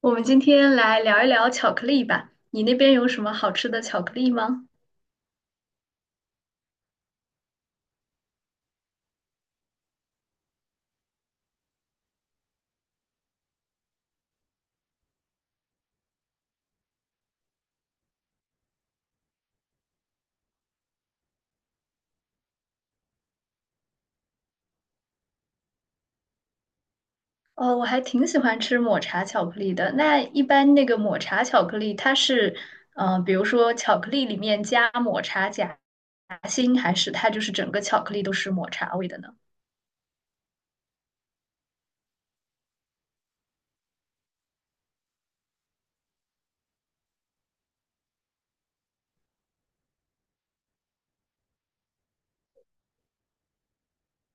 我们今天来聊一聊巧克力吧。你那边有什么好吃的巧克力吗？哦，我还挺喜欢吃抹茶巧克力的。那一般那个抹茶巧克力，它是，比如说巧克力里面加抹茶夹心，还是它就是整个巧克力都是抹茶味的呢？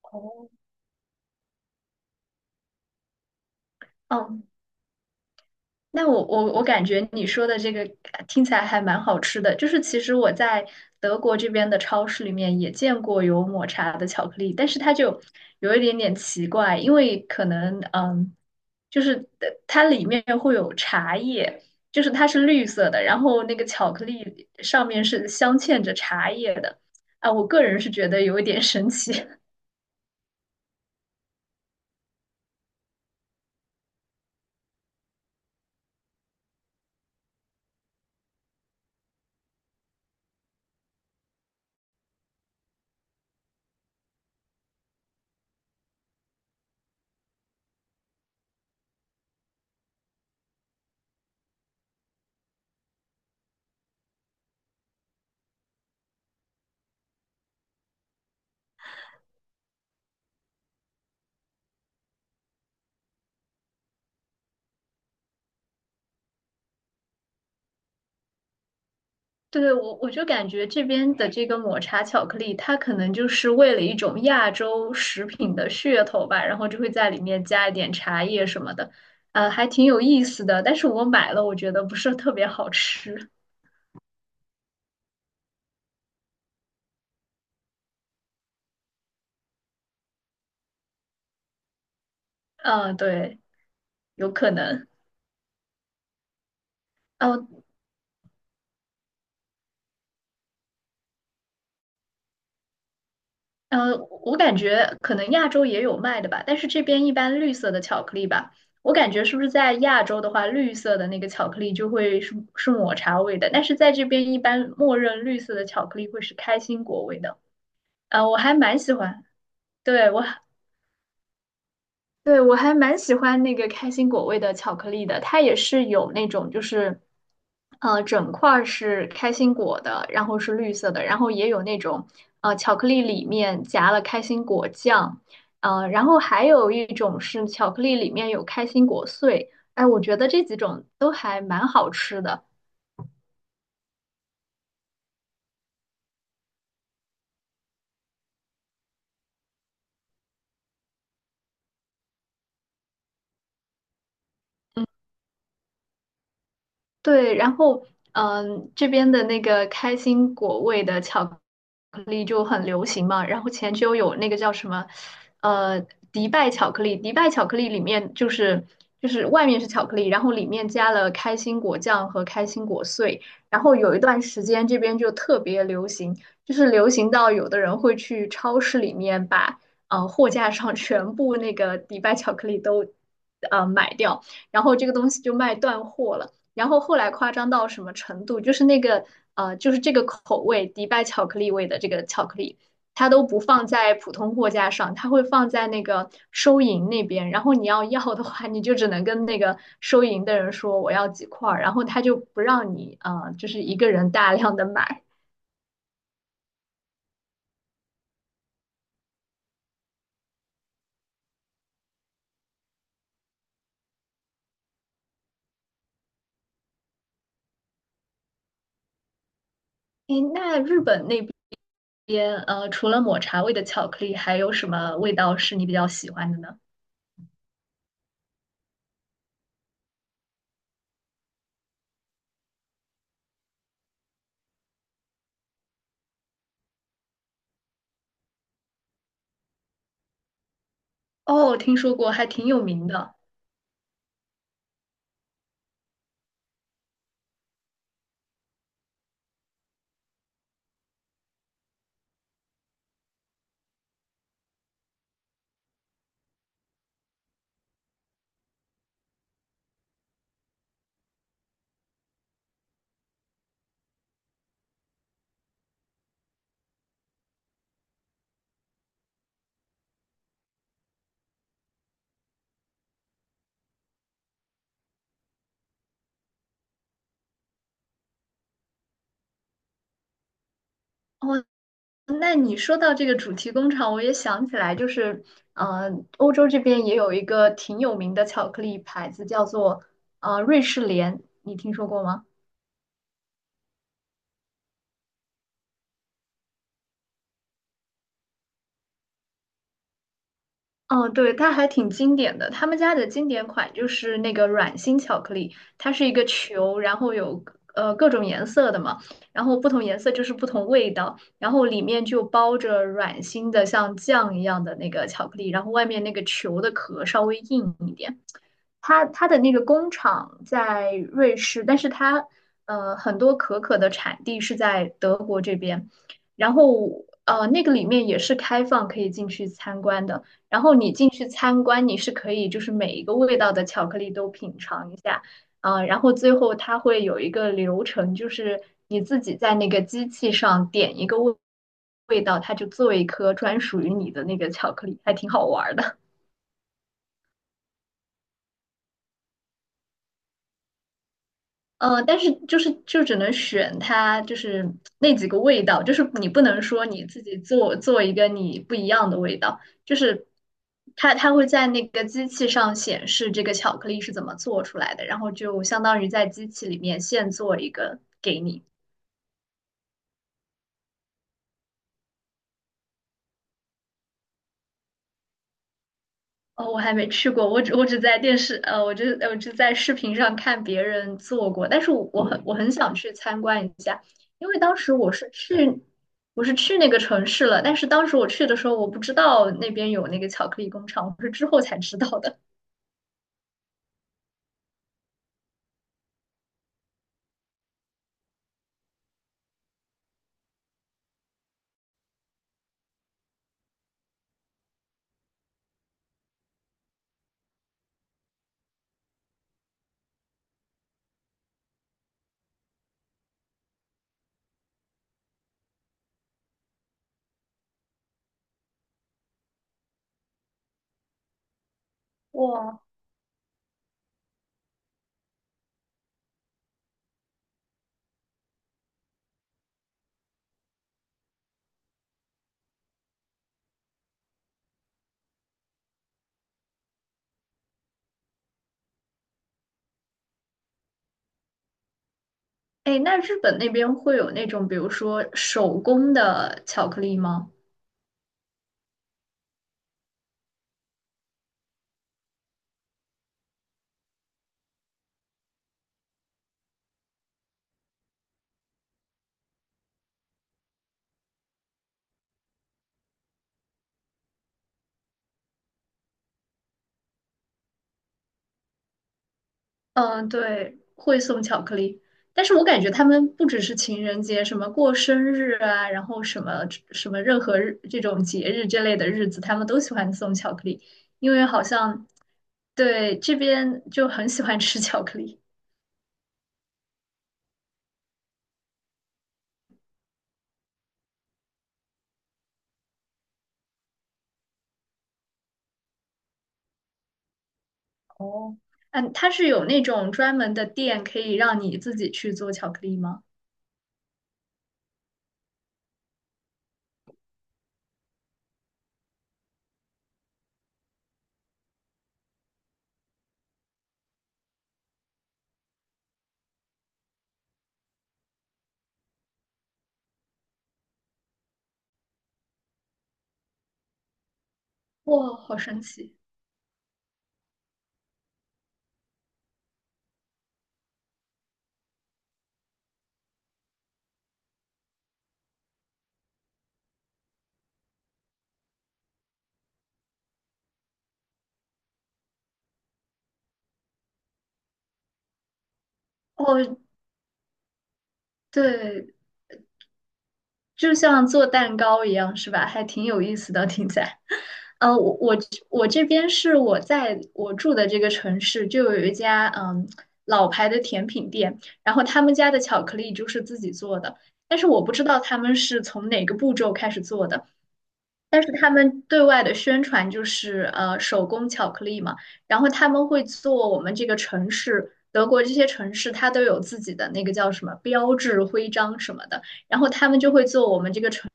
哦，嗯，那我感觉你说的这个听起来还蛮好吃的，就是其实我在德国这边的超市里面也见过有抹茶的巧克力，但是它就有一点点奇怪，因为可能就是它里面会有茶叶，就是它是绿色的，然后那个巧克力上面是镶嵌着茶叶的，啊，我个人是觉得有一点神奇。对，我就感觉这边的这个抹茶巧克力，它可能就是为了一种亚洲食品的噱头吧，然后就会在里面加一点茶叶什么的，还挺有意思的。但是我买了，我觉得不是特别好吃。嗯、对，有可能。哦呃，我感觉可能亚洲也有卖的吧，但是这边一般绿色的巧克力吧，我感觉是不是在亚洲的话，绿色的那个巧克力就会是抹茶味的，但是在这边一般默认绿色的巧克力会是开心果味的，啊、我还蛮喜欢，对，我对，我还蛮喜欢那个开心果味的巧克力的，它也是有那种就是，整块儿是开心果的，然后是绿色的，然后也有那种巧克力里面夹了开心果酱，然后还有一种是巧克力里面有开心果碎，哎，我觉得这几种都还蛮好吃的。对，然后这边的那个开心果味的巧克力就很流行嘛。然后前就有那个叫什么，呃，迪拜巧克力，迪拜巧克力里面就是外面是巧克力，然后里面加了开心果酱和开心果碎。然后有一段时间这边就特别流行，就是流行到有的人会去超市里面把货架上全部那个迪拜巧克力都买掉，然后这个东西就卖断货了。然后后来夸张到什么程度，就是那个就是这个口味迪拜巧克力味的这个巧克力，它都不放在普通货架上，它会放在那个收银那边。然后你要的话，你就只能跟那个收银的人说我要几块儿，然后他就不让你就是一个人大量的买。诶，那日本那边除了抹茶味的巧克力，还有什么味道是你比较喜欢的呢？哦，听说过，还挺有名的。哦，那你说到这个主题工厂，我也想起来，就是，呃，欧洲这边也有一个挺有名的巧克力牌子，叫做瑞士莲，你听说过吗？嗯，对，它还挺经典的。他们家的经典款就是那个软心巧克力，它是一个球，然后有各种颜色的嘛，然后不同颜色就是不同味道，然后里面就包着软心的像酱一样的那个巧克力，然后外面那个球的壳稍微硬一点。它的那个工厂在瑞士，但是它很多可可的产地是在德国这边，然后那个里面也是开放可以进去参观的。然后你进去参观，你是可以就是每一个味道的巧克力都品尝一下，啊、然后最后它会有一个流程，就是你自己在那个机器上点一个味道，它就做一颗专属于你的那个巧克力，还挺好玩儿的。但是就是就只能选它，就是那几个味道，就是你不能说你自己做一个你不一样的味道，就是它会在那个机器上显示这个巧克力是怎么做出来的，然后就相当于在机器里面现做一个给你。哦，我还没去过，我只在电视，我只在视频上看别人做过，但是我很想去参观一下，因为当时我是去那个城市了，但是当时我去的时候我不知道那边有那个巧克力工厂，我是之后才知道的。哇，哎，那日本那边会有那种比如说手工的巧克力吗？嗯，对，会送巧克力，但是我感觉他们不只是情人节，什么过生日啊，然后什么什么任何日这种节日这类的日子，他们都喜欢送巧克力，因为好像对，这边就很喜欢吃巧克力。哦，嗯，它是有那种专门的店可以让你自己去做巧克力吗？哇，好神奇！哦，对，就像做蛋糕一样，是吧？还挺有意思的，听起来。呃，我我我这边是我在我住的这个城市，就有一家嗯老牌的甜品店，然后他们家的巧克力就是自己做的，但是我不知道他们是从哪个步骤开始做的，但是他们对外的宣传就是手工巧克力嘛，然后他们会做我们这个城市。德国这些城市，它都有自己的那个叫什么标志、徽章什么的，然后他们就会做我们这个城。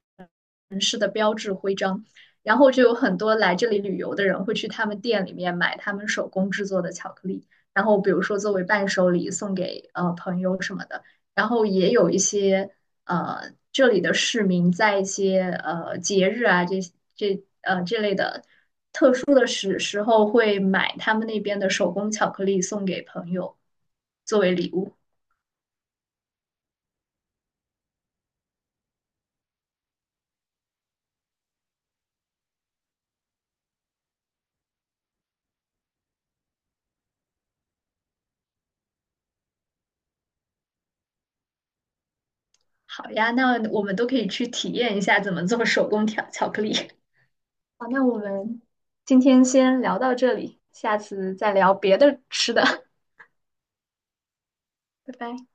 城市的标志徽章，然后就有很多来这里旅游的人会去他们店里面买他们手工制作的巧克力，然后比如说作为伴手礼送给朋友什么的，然后也有一些这里的市民在一些节日啊这类的特殊的时候会买他们那边的手工巧克力送给朋友作为礼物。好呀，那我们都可以去体验一下怎么做手工巧克力。好，那我们今天先聊到这里，下次再聊别的吃的，拜拜。